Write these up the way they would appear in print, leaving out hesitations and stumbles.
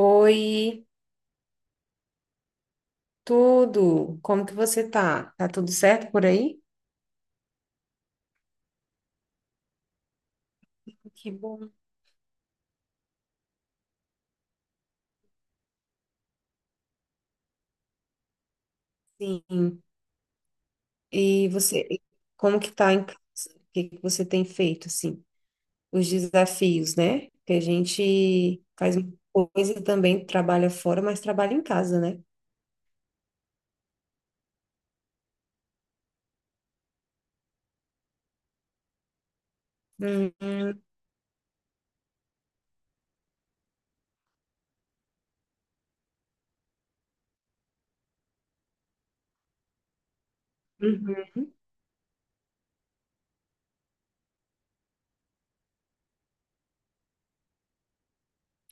Oi, tudo? Como que você tá? Tá tudo certo por aí? Que bom. Sim. E você, e como que tá em casa? O que que você tem feito, assim? Os desafios, né? Que a gente faz muita coisa e também trabalha fora, mas trabalha em casa, né? Hum, hum, uhum.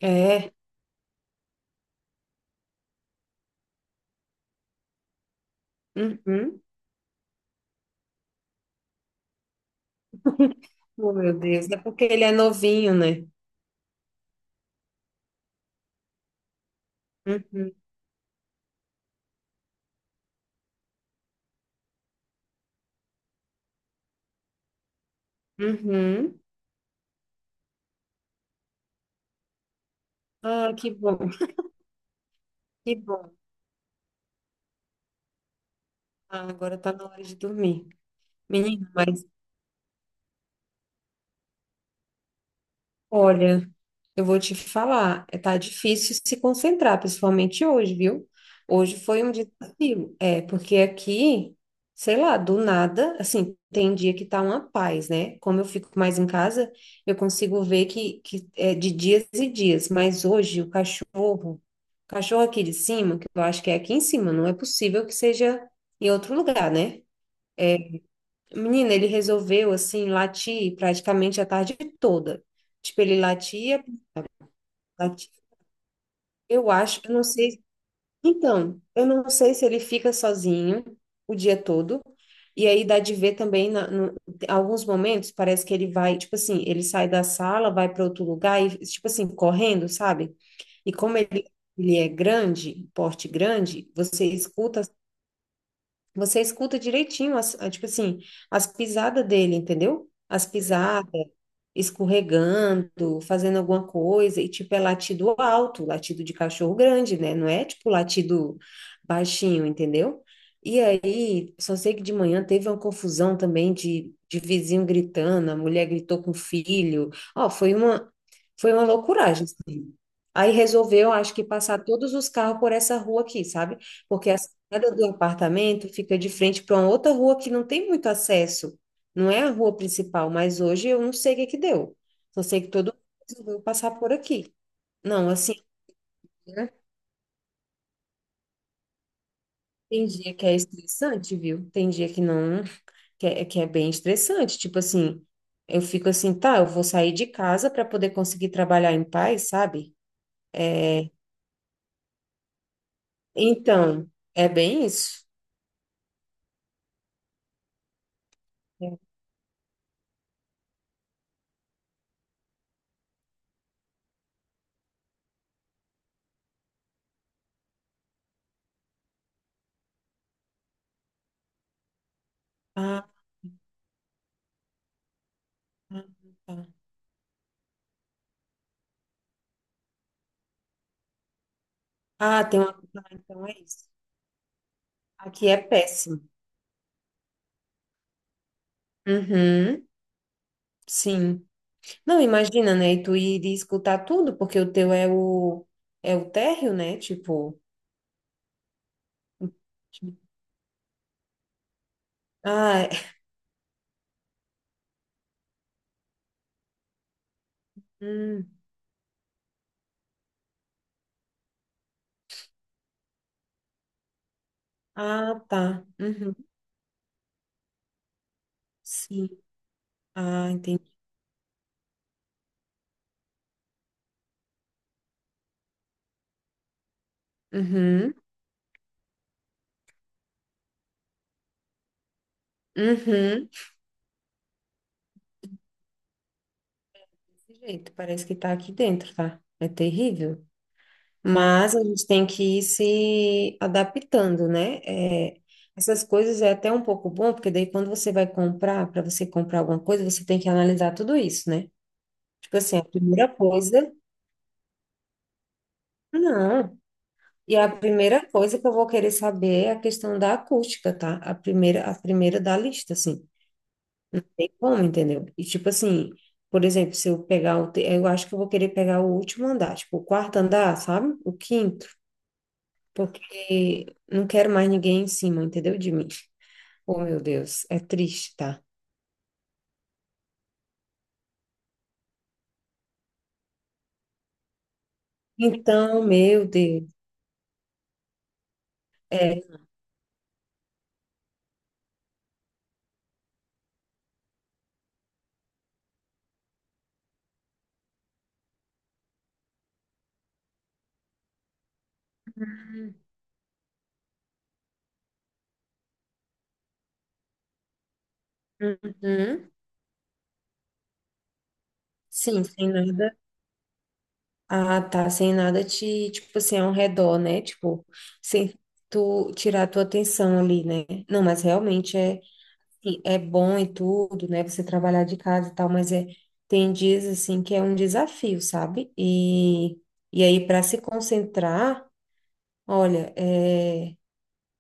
É. Uhum. Oh, meu Deus, é porque ele é novinho, né? Uhum. Uhum. Ah, que bom, que bom. Ah, agora tá na hora de dormir. Menino. Olha, eu vou te falar, tá difícil se concentrar, principalmente hoje, viu? Hoje foi um dia desafio. Porque aqui, sei lá, do nada, assim, tem dia que tá uma paz, né? Como eu fico mais em casa, eu consigo ver que é de dias e dias, mas hoje o cachorro aqui de cima, que eu acho que é aqui em cima, não é possível que seja em outro lugar, né? Menina, ele resolveu, assim, latir praticamente a tarde toda. Tipo, ele latia. Eu acho, eu não sei. Então, eu não sei se ele fica sozinho o dia todo. E aí dá de ver também, na, no- tem alguns momentos, parece que ele vai, tipo assim, ele sai da sala, vai para outro lugar e, tipo assim, correndo, sabe? E como ele é grande, porte grande, você escuta direitinho, tipo assim, as pisadas dele, entendeu? As pisadas, escorregando, fazendo alguma coisa, e tipo, é latido alto, latido de cachorro grande, né? Não é tipo latido baixinho, entendeu? E aí, só sei que de manhã teve uma confusão também de vizinho gritando, a mulher gritou com o filho. Ó, foi uma loucuragem, assim. Aí resolveu, acho que, passar todos os carros por essa rua aqui, sabe? Porque as Cada do apartamento fica de frente para uma outra rua que não tem muito acesso. Não é a rua principal, mas hoje eu não sei o que que deu. Só sei que todo mundo resolveu passar por aqui. Não, assim, né? Tem dia que é estressante, viu? Tem dia que não, que é bem estressante. Tipo assim, eu fico assim, tá, eu vou sair de casa para poder conseguir trabalhar em paz, sabe? Então, é bem isso. É. Ah, ah, tá. Ah, tem uma. Ah, então é isso. Aqui é péssimo. Uhum. Sim. Não, imagina, né? E tu iria escutar tudo, porque o teu é o é o térreo, né? Tipo. Ah, é. Hum. Ah, tá. Uhum. Sim. Ah, entendi. Uhum. Uhum. Desse jeito, parece que tá aqui dentro, tá? É terrível. Mas a gente tem que ir se adaptando, né? É, essas coisas é até um pouco bom, porque daí quando você vai comprar, para você comprar alguma coisa, você tem que analisar tudo isso, né? Tipo assim, a primeira coisa. Não. E a primeira coisa que eu vou querer saber é a questão da acústica, tá? A primeira da lista, assim. E como, entendeu? E tipo assim, por exemplo, se eu pegar eu acho que eu vou querer pegar o último andar, tipo o quarto andar, sabe? O quinto, porque não quero mais ninguém em cima, entendeu? De mim. Oh, meu Deus, é triste, tá? Então, meu Deus, é. Uhum. Sim, sem nada. Ah, tá, sem nada te, tipo assim, ao redor, né? Tipo, sem tu tirar a tua atenção ali, né? Não, mas realmente é, sim, é bom e tudo, né? Você trabalhar de casa e tal, mas é, tem dias assim que é um desafio, sabe? E aí, para se concentrar, olha, é.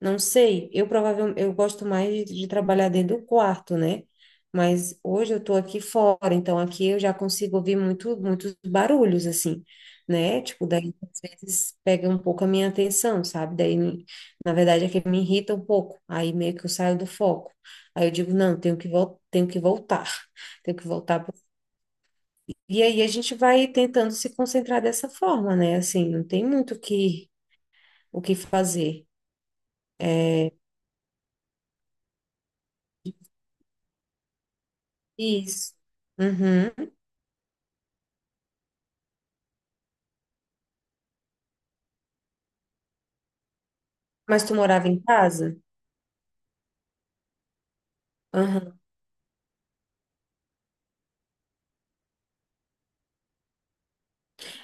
Não sei, eu provavelmente eu gosto mais de trabalhar dentro do quarto, né? Mas hoje eu tô aqui fora, então aqui eu já consigo ouvir muitos barulhos, assim, né? Tipo, daí às vezes pega um pouco a minha atenção, sabe? Na verdade, é que me irrita um pouco, aí meio que eu saio do foco. Aí eu digo, não, tenho que voltar, tenho que voltar. Pro- E aí a gente vai tentando se concentrar dessa forma, né? Assim, não tem muito o que fazer. Isso. Uhum. Mas tu morava em casa? Aham.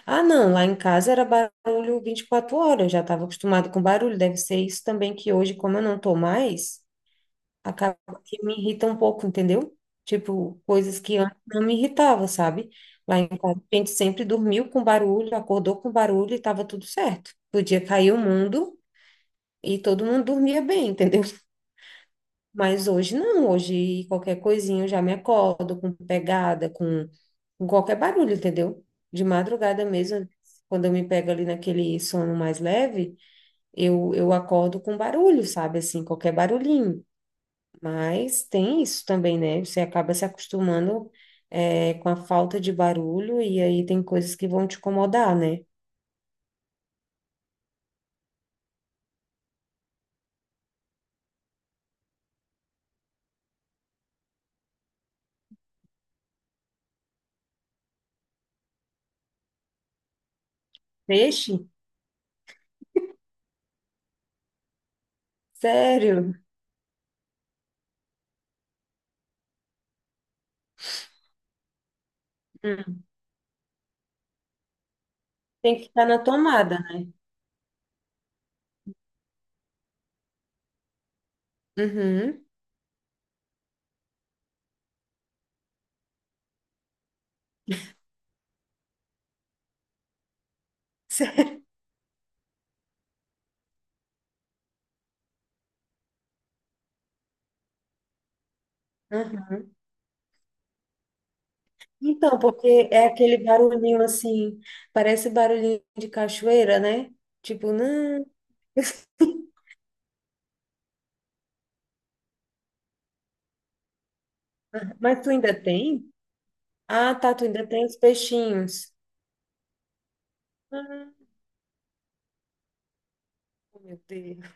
Ah, não, lá em casa era barulho 24 horas, eu já estava acostumado com barulho. Deve ser isso também que hoje, como eu não tô mais, acaba que me irrita um pouco, entendeu? Tipo, coisas que antes não me irritava, sabe? Lá em casa a gente sempre dormiu com barulho, acordou com barulho e estava tudo certo. Podia cair o mundo e todo mundo dormia bem, entendeu? Mas hoje não, hoje qualquer coisinha eu já me acordo com pegada, com qualquer barulho, entendeu? De madrugada mesmo, quando eu me pego ali naquele sono mais leve, eu acordo com barulho, sabe? Assim, qualquer barulhinho. Mas tem isso também, né? Você acaba se acostumando, é, com a falta de barulho e aí tem coisas que vão te incomodar, né? Peixe? Sério? Hum. Tem que estar na tomada, né? Uhum. Então, porque é aquele barulhinho assim, parece barulhinho de cachoeira, né? Tipo, não. Mas tu ainda tem? Ah, tá, tu ainda tem os peixinhos. Ah, meu Deus.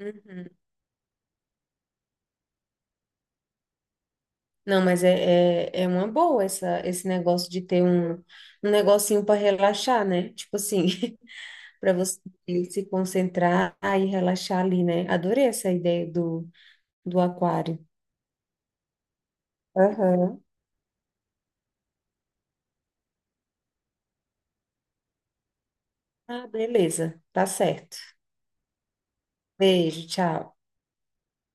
Uhum. Não, mas é uma boa essa, esse negócio de ter um negocinho para relaxar, né? Tipo assim, para você se concentrar e relaxar ali, né? Adorei essa ideia do, do aquário. Aham. Ah, beleza, tá certo. Beijo, tchau.